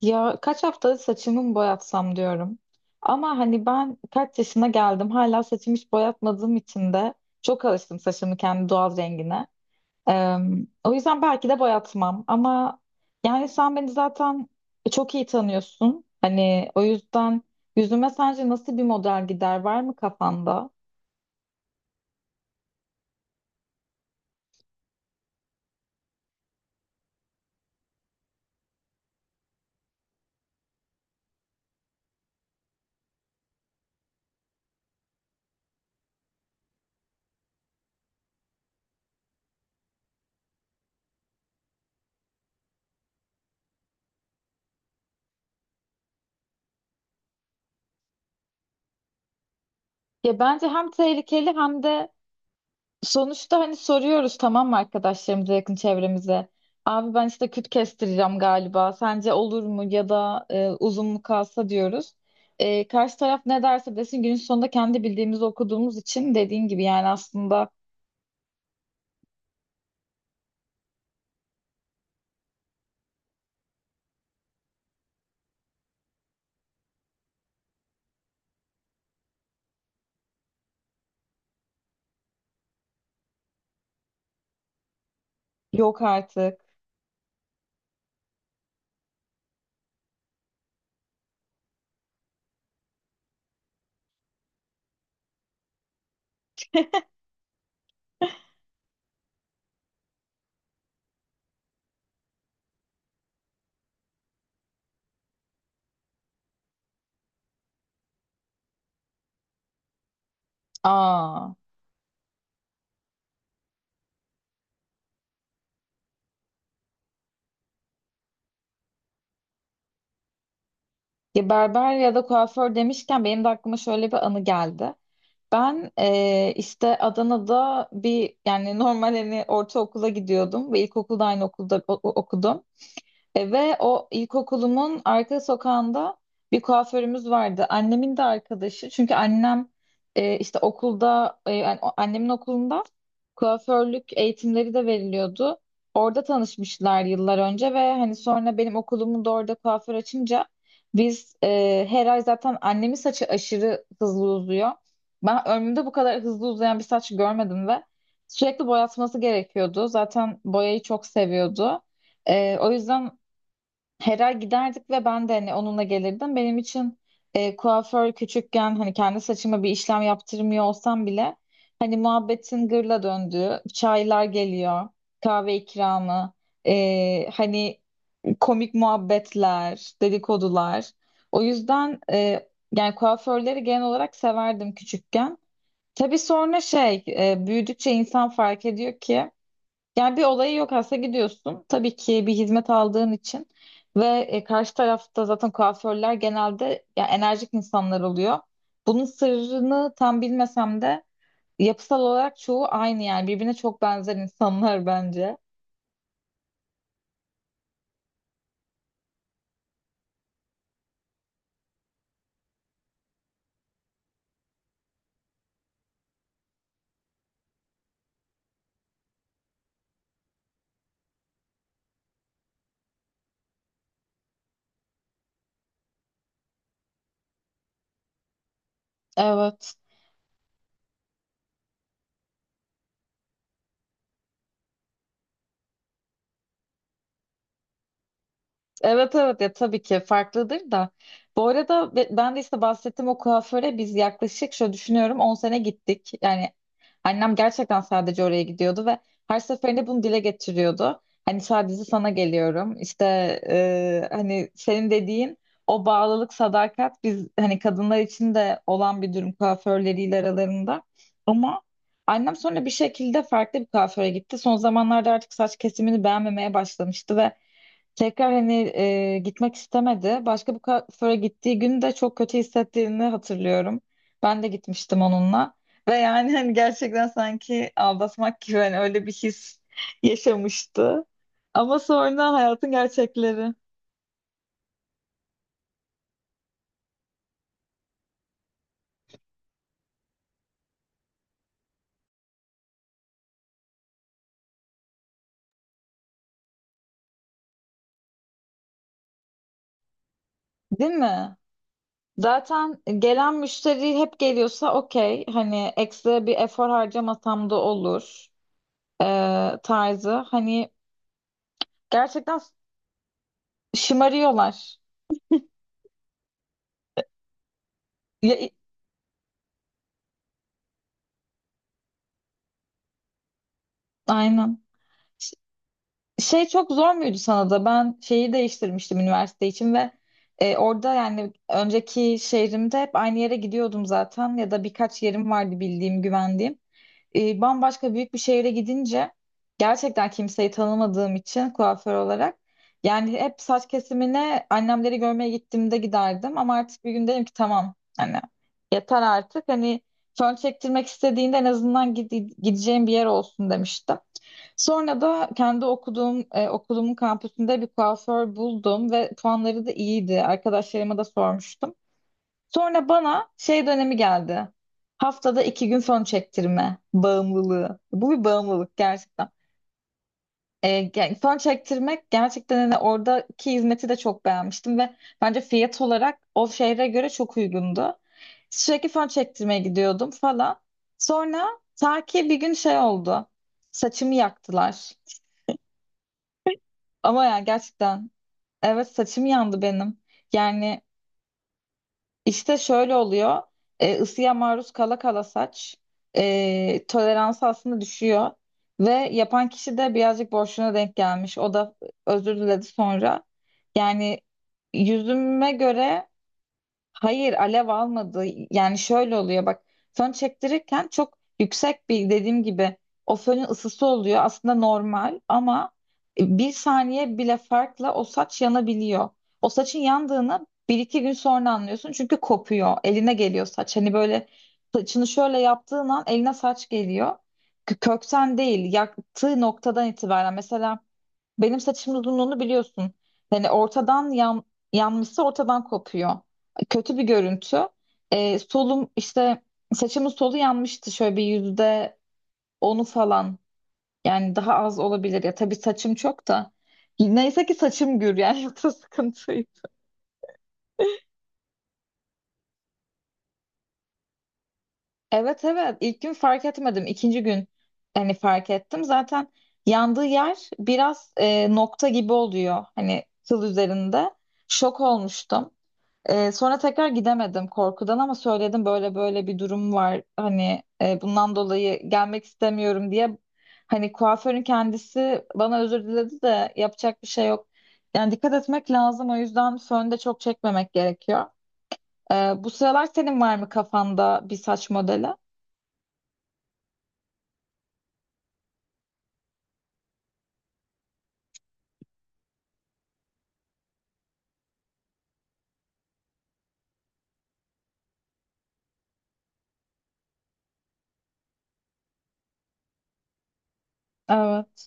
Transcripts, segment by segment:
Ya kaç haftadır saçımı mı boyatsam diyorum. Ama hani ben kaç yaşına geldim hala saçımı hiç boyatmadığım için de çok alıştım saçımı kendi doğal rengine. Ee, O yüzden belki de boyatmam ama yani sen beni zaten çok iyi tanıyorsun. Hani o yüzden yüzüme sence nasıl bir model gider, var mı kafanda? Ya bence hem tehlikeli hem de. Sonuçta hani soruyoruz, tamam mı, arkadaşlarımıza, yakın çevremize. Abi ben işte küt kestireceğim galiba. Sence olur mu ya da uzun mu kalsa diyoruz. Karşı taraf ne derse desin, günün sonunda kendi bildiğimizi okuduğumuz için, dediğin gibi yani aslında. Yok artık. Aa. Ya berber ya da kuaför demişken benim de aklıma şöyle bir anı geldi. Ben işte Adana'da bir yani normal hani ortaokula gidiyordum ve ilkokulda aynı okulda okudum. Ve o ilkokulumun arka sokağında bir kuaförümüz vardı. Annemin de arkadaşı. Çünkü annem işte okulda, yani annemin okulunda kuaförlük eğitimleri de veriliyordu. Orada tanışmışlar yıllar önce ve hani sonra benim okulumun da orada kuaför açınca biz, her ay, zaten annemin saçı aşırı hızlı uzuyor. Ben ömrümde bu kadar hızlı uzayan bir saç görmedim ve sürekli boyatması gerekiyordu. Zaten boyayı çok seviyordu. O yüzden her ay giderdik ve ben de hani onunla gelirdim. Benim için kuaför küçükken, hani kendi saçıma bir işlem yaptırmıyor olsam bile, hani muhabbetin gırla döndüğü, çaylar geliyor, kahve ikramı, hani komik muhabbetler, dedikodular. O yüzden yani kuaförleri genel olarak severdim küçükken. Tabii sonra şey, büyüdükçe insan fark ediyor ki yani bir olayı yok aslında, gidiyorsun. Tabii ki bir hizmet aldığın için ve karşı tarafta zaten kuaförler genelde ya enerjik insanlar oluyor. Bunun sırrını tam bilmesem de yapısal olarak çoğu aynı, yani birbirine çok benzer insanlar bence. Evet. Evet, evet, ya tabii ki farklıdır da. Bu arada ben de işte bahsettim, o kuaföre biz yaklaşık, şöyle düşünüyorum, 10 sene gittik. Yani annem gerçekten sadece oraya gidiyordu ve her seferinde bunu dile getiriyordu. Hani sadece sana geliyorum. İşte hani senin dediğin o bağlılık, sadakat, biz hani kadınlar için de olan bir durum kuaförleriyle aralarında. Ama annem sonra bir şekilde farklı bir kuaföre gitti. Son zamanlarda artık saç kesimini beğenmemeye başlamıştı ve tekrar hani gitmek istemedi. Başka bir kuaföre gittiği gün de çok kötü hissettiğini hatırlıyorum. Ben de gitmiştim onunla. Ve yani hani gerçekten sanki aldatmak gibi, hani öyle bir his yaşamıştı. Ama sonra hayatın gerçekleri. Değil mi? Zaten gelen müşteri hep geliyorsa okey. Hani ekstra bir efor harcamasam da olur. e, tarzı. Hani gerçekten şımarıyorlar. Ya, aynen. Şey, çok zor muydu sana da? Ben şeyi değiştirmiştim üniversite için ve orada yani önceki şehrimde hep aynı yere gidiyordum zaten, ya da birkaç yerim vardı bildiğim, güvendiğim. Bambaşka büyük bir şehre gidince gerçekten kimseyi tanımadığım için kuaför olarak, yani hep saç kesimine annemleri görmeye gittiğimde giderdim, ama artık bir gün dedim ki tamam hani yeter artık, hani fön çektirmek istediğinde en azından gideceğim bir yer olsun, demiştim. Sonra da kendi okuduğum okulumun kampüsünde bir kuaför buldum ve puanları da iyiydi. Arkadaşlarıma da sormuştum. Sonra bana şey dönemi geldi. Haftada 2 gün fön çektirme bağımlılığı. Bu bir bağımlılık gerçekten. Yani fön çektirmek gerçekten, hani oradaki hizmeti de çok beğenmiştim ve bence fiyat olarak o şehre göre çok uygundu. Sürekli fön çektirmeye gidiyordum falan. Sonra ta ki bir gün şey oldu. Saçımı yaktılar. Ama yani gerçekten, evet, saçım yandı benim. Yani işte şöyle oluyor. Isıya maruz kala kala saç toleransı aslında düşüyor. Ve yapan kişi de birazcık boşluğuna denk gelmiş. O da özür diledi sonra. Yani yüzüme göre. Hayır, alev almadı. Yani şöyle oluyor bak, fön çektirirken çok yüksek bir, dediğim gibi, o fönün ısısı oluyor aslında normal, ama bir saniye bile farkla o saç yanabiliyor. O saçın yandığını bir iki gün sonra anlıyorsun, çünkü kopuyor, eline geliyor saç. Hani böyle saçını şöyle yaptığın an eline saç geliyor. Kökten değil, yaktığı noktadan itibaren. Mesela benim saçımın uzunluğunu biliyorsun. Yani ortadan yanmışsa ortadan kopuyor. Kötü bir görüntü. Solum işte, saçımın solu yanmıştı, şöyle bir %10'u falan. Yani daha az olabilir ya. Tabii saçım çok da. Neyse ki saçım gür yani yoksa sıkıntıydı. Evet, evet, ilk gün fark etmedim. İkinci gün hani fark ettim. Zaten yandığı yer biraz nokta gibi oluyor. Hani kıl üzerinde. Şok olmuştum. Sonra tekrar gidemedim korkudan, ama söyledim böyle böyle bir durum var. Hani bundan dolayı gelmek istemiyorum diye. Hani kuaförün kendisi bana özür diledi de yapacak bir şey yok. Yani dikkat etmek lazım, o yüzden fön de çok çekmemek gerekiyor. Bu sıralar senin var mı kafanda bir saç modeli? Evet.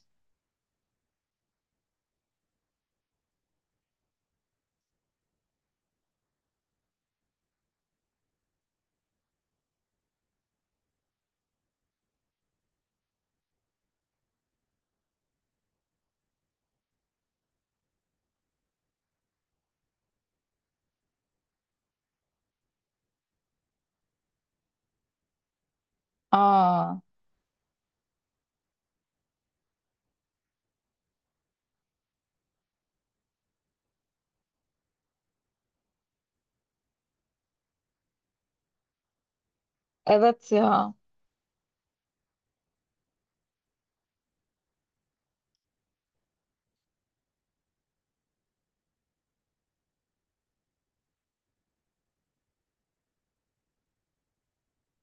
Aa, evet ya.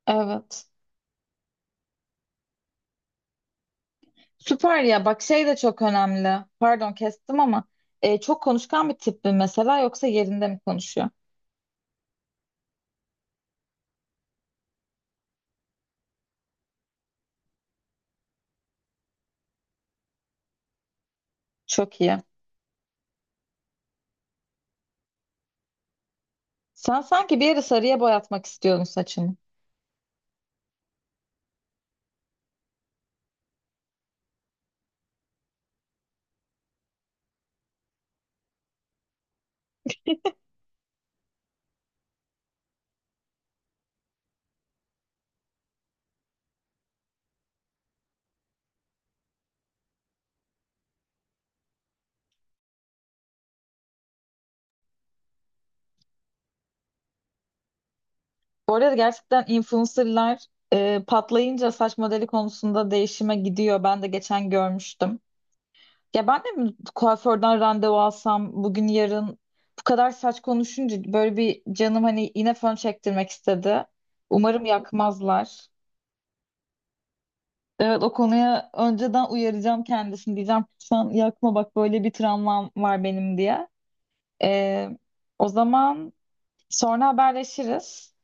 Evet. Süper ya. Bak şey de çok önemli. Pardon kestim ama çok konuşkan bir tip mi mesela, yoksa yerinde mi konuşuyor? Çok iyi. Sen sanki bir yeri sarıya boyatmak istiyordun saçını. Bu arada gerçekten influencerlar patlayınca saç modeli konusunda değişime gidiyor. Ben de geçen görmüştüm. Ya ben de mi kuaförden randevu alsam bugün yarın, bu kadar saç konuşunca böyle bir canım, hani, yine fön çektirmek istedi. Umarım yakmazlar. Evet, o konuya önceden uyaracağım kendisini. Diyeceğim, sen yakma, bak, böyle bir travmam var benim diye. E, O zaman sonra haberleşiriz.